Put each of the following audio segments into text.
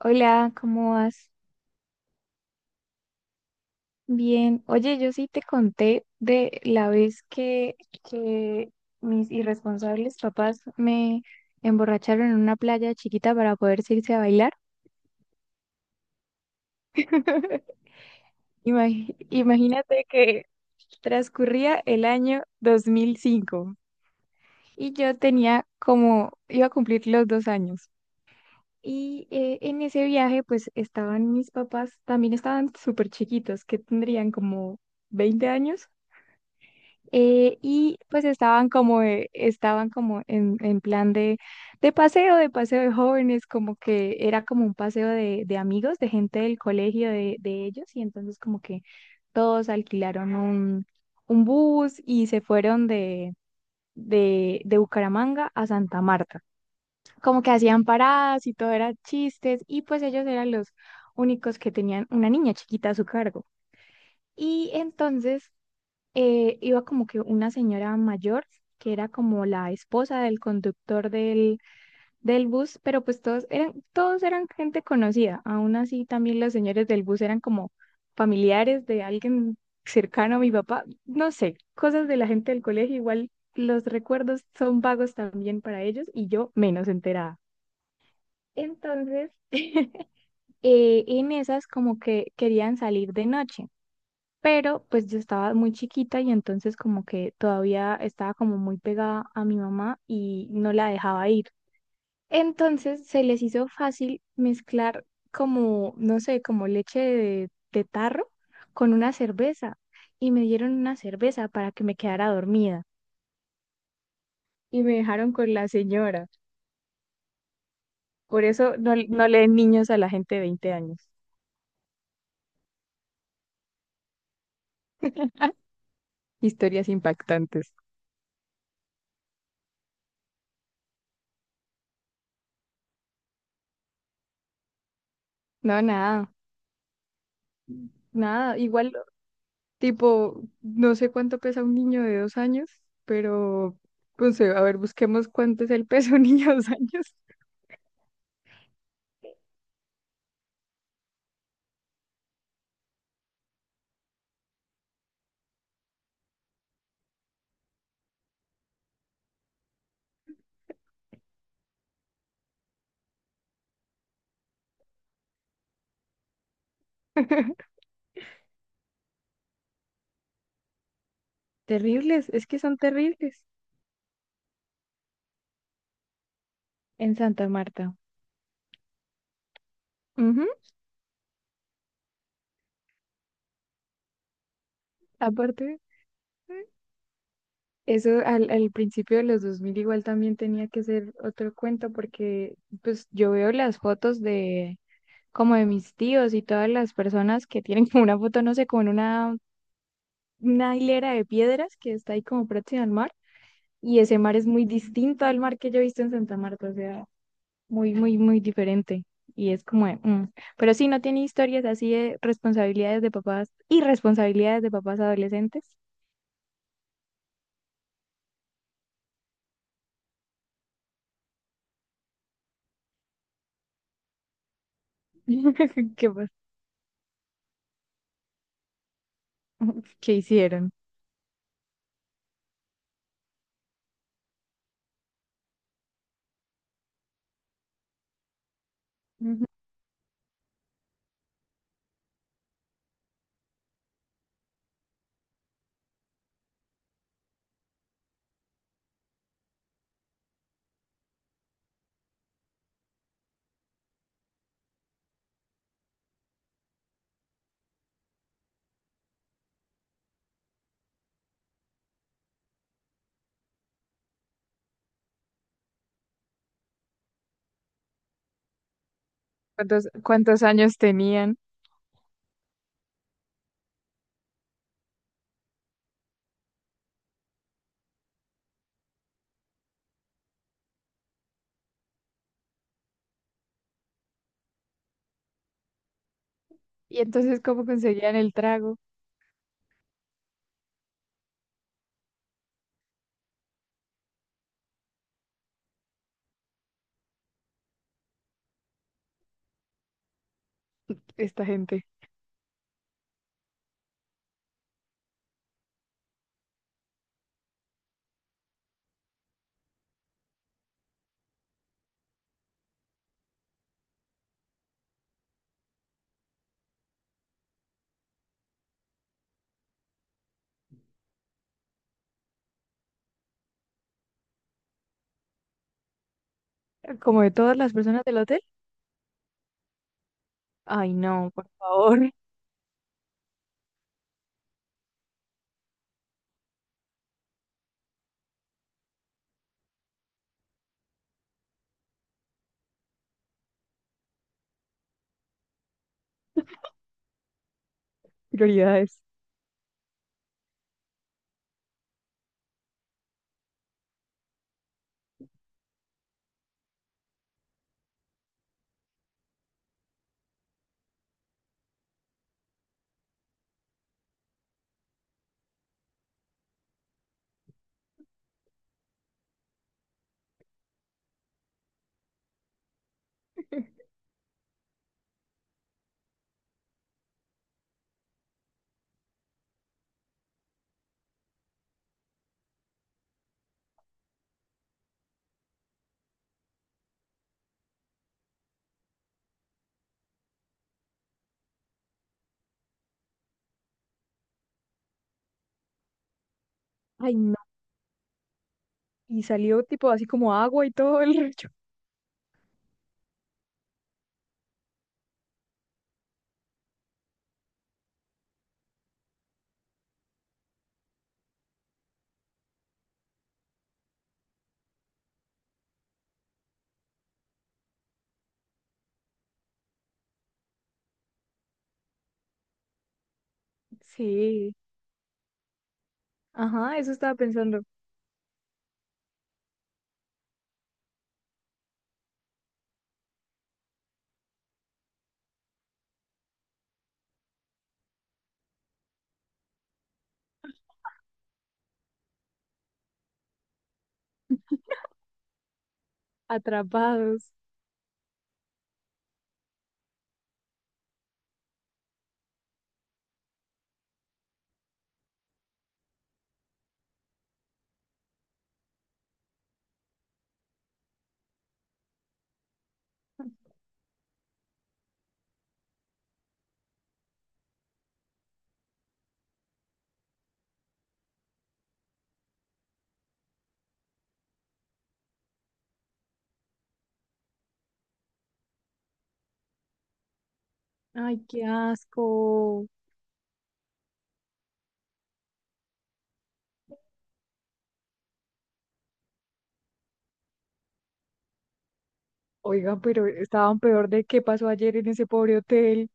Hola, ¿cómo vas? Bien. Oye, yo sí te conté de la vez que mis irresponsables papás me emborracharon en una playa chiquita para poder irse a bailar. Imagínate que transcurría el año 2005 y yo tenía como, iba a cumplir los 2 años. Y en ese viaje pues estaban mis papás, también estaban súper chiquitos, que tendrían como 20 años. Y pues estaban como en plan de paseo de jóvenes, como que era como un paseo de amigos, de gente del colegio de ellos, y entonces como que todos alquilaron un bus y se fueron de Bucaramanga a Santa Marta. Como que hacían paradas y todo era chistes, y pues ellos eran los únicos que tenían una niña chiquita a su cargo. Y entonces iba como que una señora mayor, que era como la esposa del conductor del bus, pero pues todos eran gente conocida. Aún así, también los señores del bus eran como familiares de alguien cercano a mi papá. No sé, cosas de la gente del colegio, igual los recuerdos son vagos también para ellos y yo menos enterada. Entonces, en esas como que querían salir de noche, pero pues yo estaba muy chiquita y entonces como que todavía estaba como muy pegada a mi mamá y no la dejaba ir. Entonces se les hizo fácil mezclar como, no sé, como leche de tarro con una cerveza y me dieron una cerveza para que me quedara dormida y me dejaron con la señora. Por eso no, no leen niños a la gente de 20 años. Historias impactantes. No, nada. Nada, igual. Tipo, no sé cuánto pesa un niño de 2 años, pero, pues, a ver, busquemos cuánto es el peso de un niño de dos años. Terribles, es que son terribles en Santa Marta. Ujú. Aparte, eso al principio de los 2000 igual también tenía que ser otro cuento, porque pues yo veo las fotos de como de mis tíos y todas las personas que tienen como una foto, no sé, como en una hilera de piedras que está ahí como próxima al mar, y ese mar es muy distinto al mar que yo he visto en Santa Marta, o sea, muy, muy, muy diferente y es como, de, mm. Pero sí, no tiene historias así de responsabilidades de papás y responsabilidades de papás adolescentes. ¿Qué, pas- qué hicieron? Cuántos años tenían? ¿Y entonces cómo conseguían el trago esta gente? ¿Como de todas las personas del hotel? Ay, no, por favor, prioridades. Ay, no. Y salió tipo así como agua y todo el rollo. Sí, ajá, eso estaba pensando. Atrapados. Ay, qué asco. Oiga, pero estaban peor de qué pasó ayer en ese pobre hotel.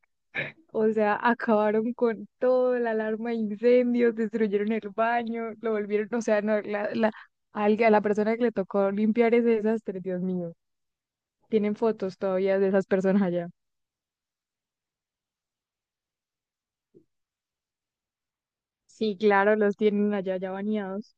O sea, acabaron con todo, la alarma de incendios, destruyeron el baño, lo volvieron, o sea, no, a la persona que le tocó limpiar ese desastre, Dios mío. Tienen fotos todavía de esas personas allá. Sí, claro, los tienen allá ya bañados.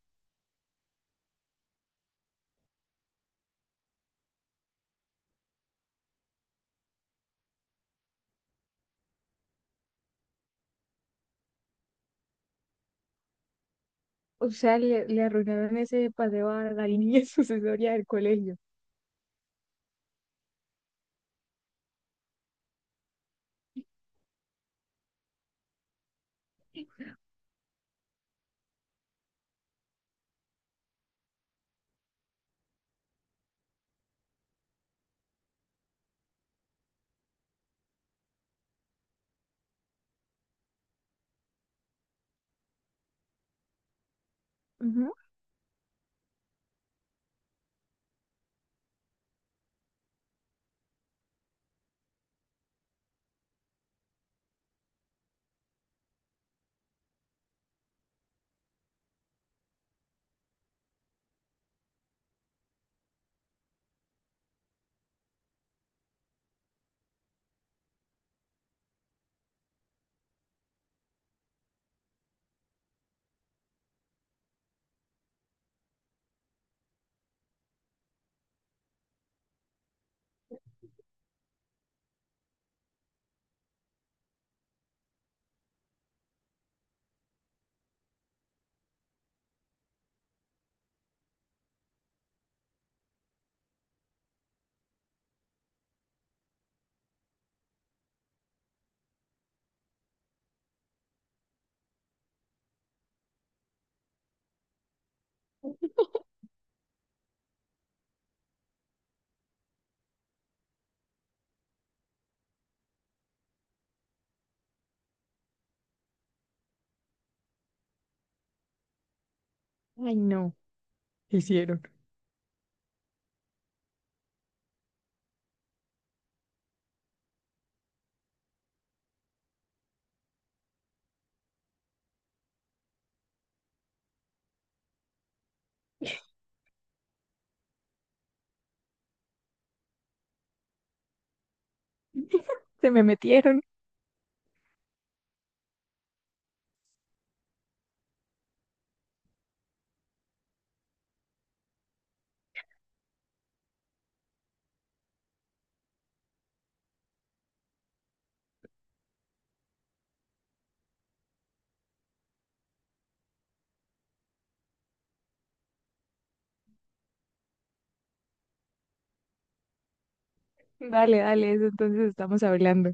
O sea, le arruinaron ese paseo a la línea sucesoria del colegio. Ujú. Ay, no. ¿Qué hicieron? Se me metieron. Dale, dale, eso entonces estamos hablando.